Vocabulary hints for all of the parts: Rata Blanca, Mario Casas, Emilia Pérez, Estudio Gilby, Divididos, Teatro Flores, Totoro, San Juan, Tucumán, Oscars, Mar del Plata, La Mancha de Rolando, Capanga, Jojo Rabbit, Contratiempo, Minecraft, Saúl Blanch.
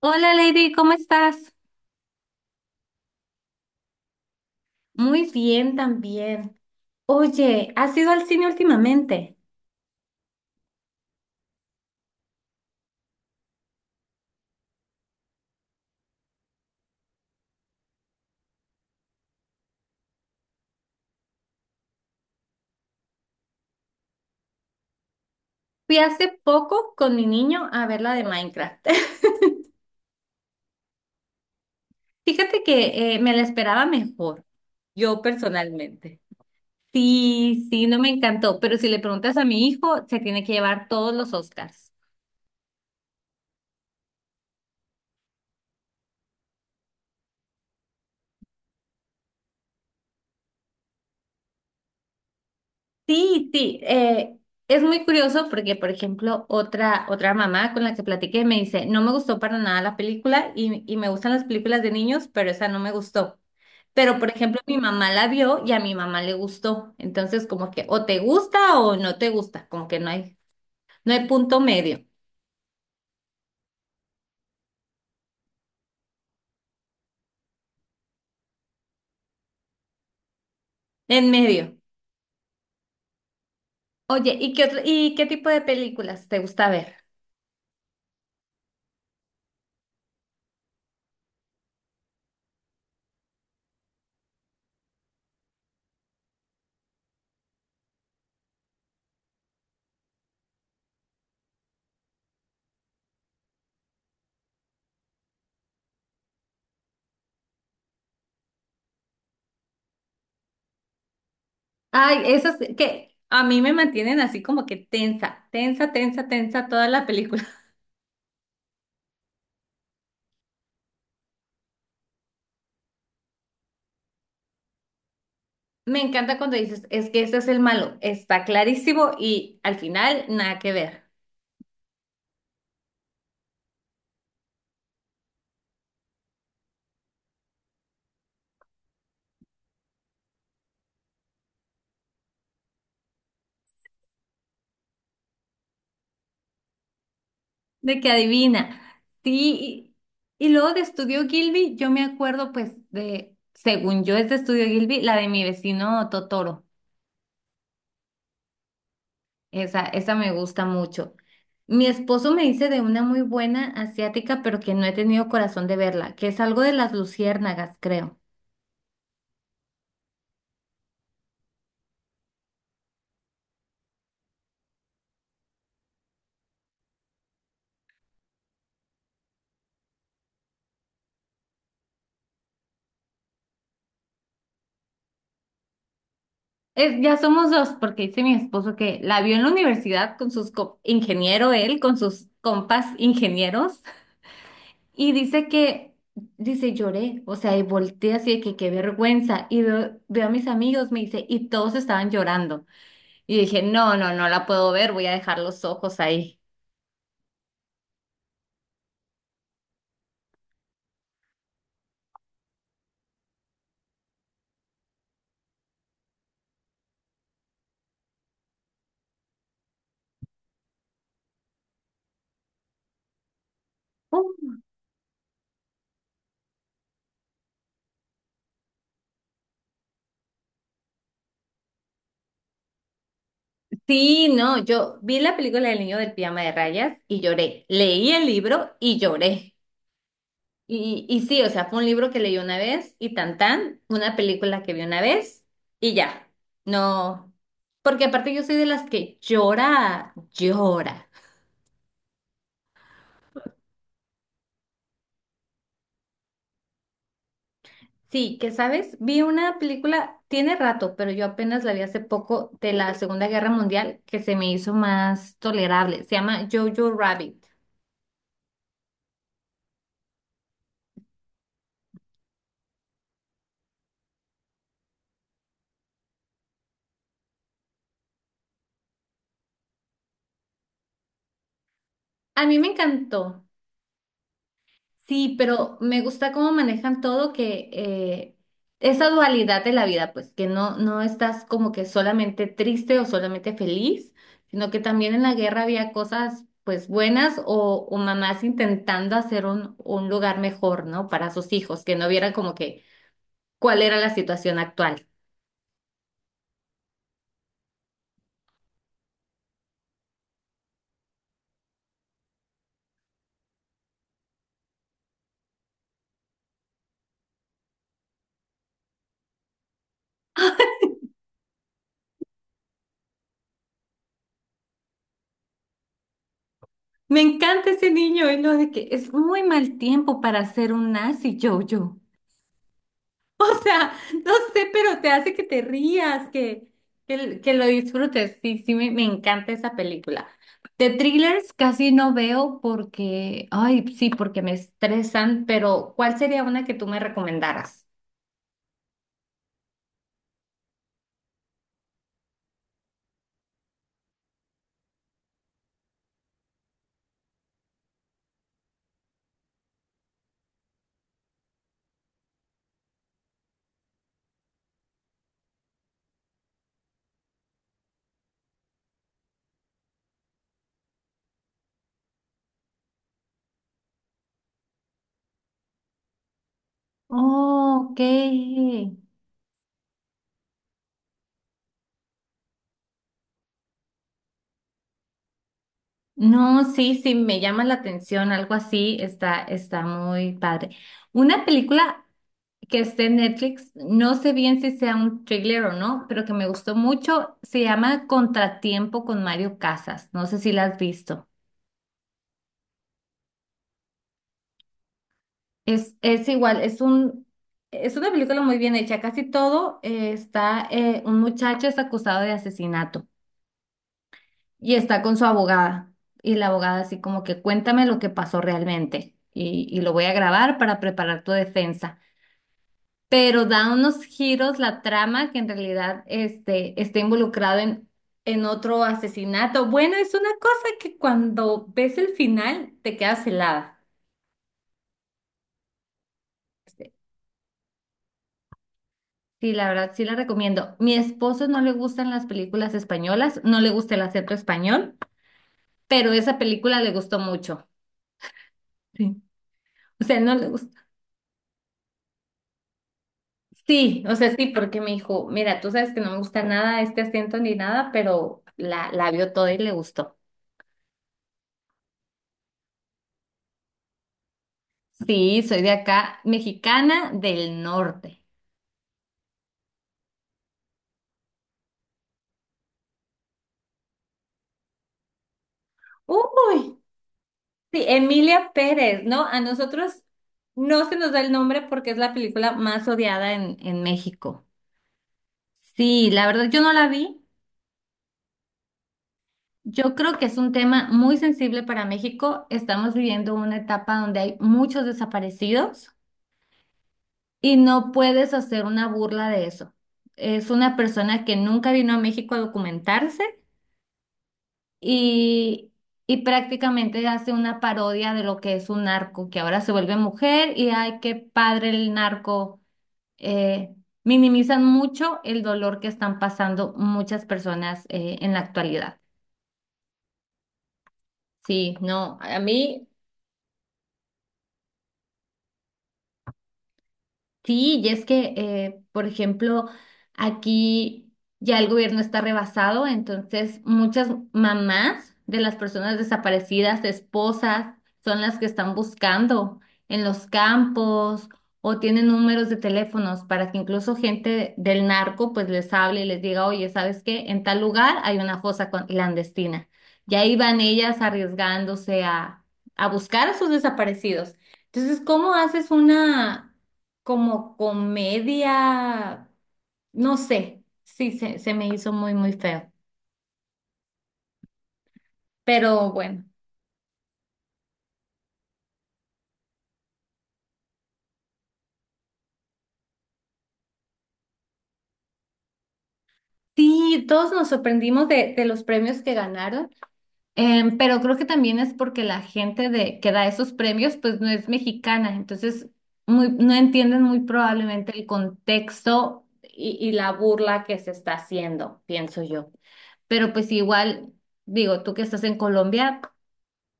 Hola Lady, ¿cómo estás? Muy bien también. Oye, ¿has ido al cine últimamente? Fui hace poco con mi niño a ver la de Minecraft. Fíjate que me la esperaba mejor, yo personalmente. Sí, sí, no me encantó, pero si le preguntas a mi hijo, se tiene que llevar todos los Oscars. Sí, sí, es muy curioso porque, por ejemplo, otra mamá con la que platiqué me dice, no me gustó para nada la película y me gustan las películas de niños, pero esa no me gustó. Pero, por ejemplo, mi mamá la vio y a mi mamá le gustó. Entonces, como que o te gusta o no te gusta, como que no hay punto medio, en medio. Oye, ¿y qué otro- y qué tipo de películas te gusta ver? Ay, esas que a mí me mantienen así como que tensa, tensa, tensa, tensa toda la película. Me encanta cuando dices, es que ese es el malo, está clarísimo y al final nada que ver, de que adivina. Sí, y luego de Estudio Gilby, yo me acuerdo pues de, según yo es de Estudio Gilby, la de mi vecino Totoro, esa me gusta mucho. Mi esposo me dice de una muy buena asiática, pero que no he tenido corazón de verla, que es algo de las luciérnagas, creo. Es, ya somos dos, porque dice mi esposo que la vio en la universidad con sus co- ingeniero él, con sus compas ingenieros, y dice, lloré, o sea, y volteé así de que qué vergüenza, y veo a mis amigos, me dice, y todos estaban llorando, y dije, no, no, no la puedo ver, voy a dejar los ojos ahí. Sí, no, yo vi la película del niño del pijama de rayas y lloré, leí el libro y lloré. Y sí, o sea, fue un libro que leí una vez y tan tan, una película que vi una vez y ya. No, porque aparte yo soy de las que llora, llora. Sí, que sabes, vi una película, tiene rato, pero yo apenas la vi hace poco de la Segunda Guerra Mundial que se me hizo más tolerable. Se llama Jojo Rabbit. A mí me encantó. Sí, pero me gusta cómo manejan todo que esa dualidad de la vida, pues que no, no estás como que solamente triste o solamente feliz, sino que también en la guerra había cosas pues buenas o mamás intentando hacer un lugar mejor, ¿no? Para sus hijos, que no vieran como que cuál era la situación actual. Me encanta ese niño y lo de que es muy mal tiempo para ser un nazi, Jojo. O sea, no sé, pero te hace que te rías, que lo disfrutes. Sí, sí, me encanta esa película. De thrillers casi no veo porque, ay, sí, porque me estresan, pero ¿cuál sería una que tú me recomendaras? Oh, ok. No, sí, sí, me llama la atención, algo así, está, está muy padre. Una película que esté en Netflix, no sé bien si sea un thriller o no, pero que me gustó mucho, se llama Contratiempo con Mario Casas, no sé si la has visto. Es igual, es una película muy bien hecha, casi todo está, un muchacho es acusado de asesinato. Y está con su abogada. Y la abogada así como que cuéntame lo que pasó realmente. Y lo voy a grabar para preparar tu defensa. Pero da unos giros la trama que en realidad este, está involucrado en otro asesinato. Bueno, es una cosa que cuando ves el final te quedas helada. Sí, la verdad, sí la recomiendo. Mi esposo no le gustan las películas españolas, no le gusta el acento español, pero esa película le gustó mucho. Sí. O sea, no le gusta. Sí, o sea, sí, porque me dijo, mira, tú sabes que no me gusta nada este acento ni nada, pero la vio toda y le gustó. Sí, soy de acá, mexicana del norte. Uy, sí, Emilia Pérez, ¿no? A nosotros no se nos da el nombre porque es la película más odiada en México. Sí, la verdad yo no la vi. Yo creo que es un tema muy sensible para México. Estamos viviendo una etapa donde hay muchos desaparecidos. Y no puedes hacer una burla de eso. Es una persona que nunca vino a México a documentarse y, y prácticamente hace una parodia de lo que es un narco, que ahora se vuelve mujer y ay, qué padre el narco. Eh, Minimizan mucho el dolor que están pasando muchas personas en la actualidad. Sí, no, a mí. Sí, y es que, por ejemplo, aquí ya el gobierno está rebasado, entonces muchas mamás de las personas desaparecidas, esposas, son las que están buscando en los campos o tienen números de teléfonos para que incluso gente del narco pues les hable y les diga, oye, ¿sabes qué? En tal lugar hay una fosa con- clandestina. Y ahí van ellas arriesgándose a buscar a sus desaparecidos. Entonces, ¿cómo haces una como comedia, no sé, sí, se me hizo muy, muy feo. Pero bueno, sí, todos nos sorprendimos de los premios que ganaron, pero creo que también es porque la gente de, que da esos premios pues no es mexicana, entonces muy, no entienden muy probablemente el contexto y la burla que se está haciendo, pienso yo. Pero pues igual, digo, tú que estás en Colombia.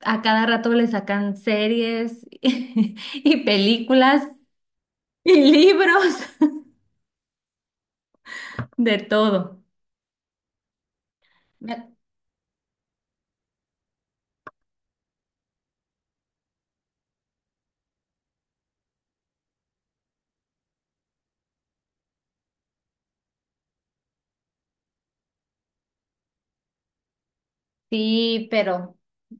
A cada rato le sacan series y películas y libros, de todo. Me- sí, pero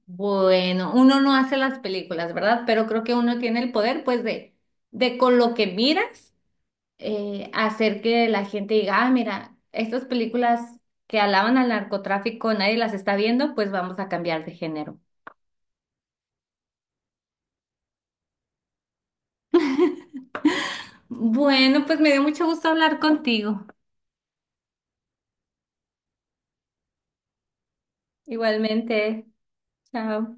bueno, uno no hace las películas, ¿verdad? Pero creo que uno tiene el poder, pues, de con lo que miras, hacer que la gente diga, ah, mira, estas películas que alaban al narcotráfico, nadie las está viendo, pues vamos a cambiar de género. Bueno, pues me dio mucho gusto hablar contigo. Igualmente, chao.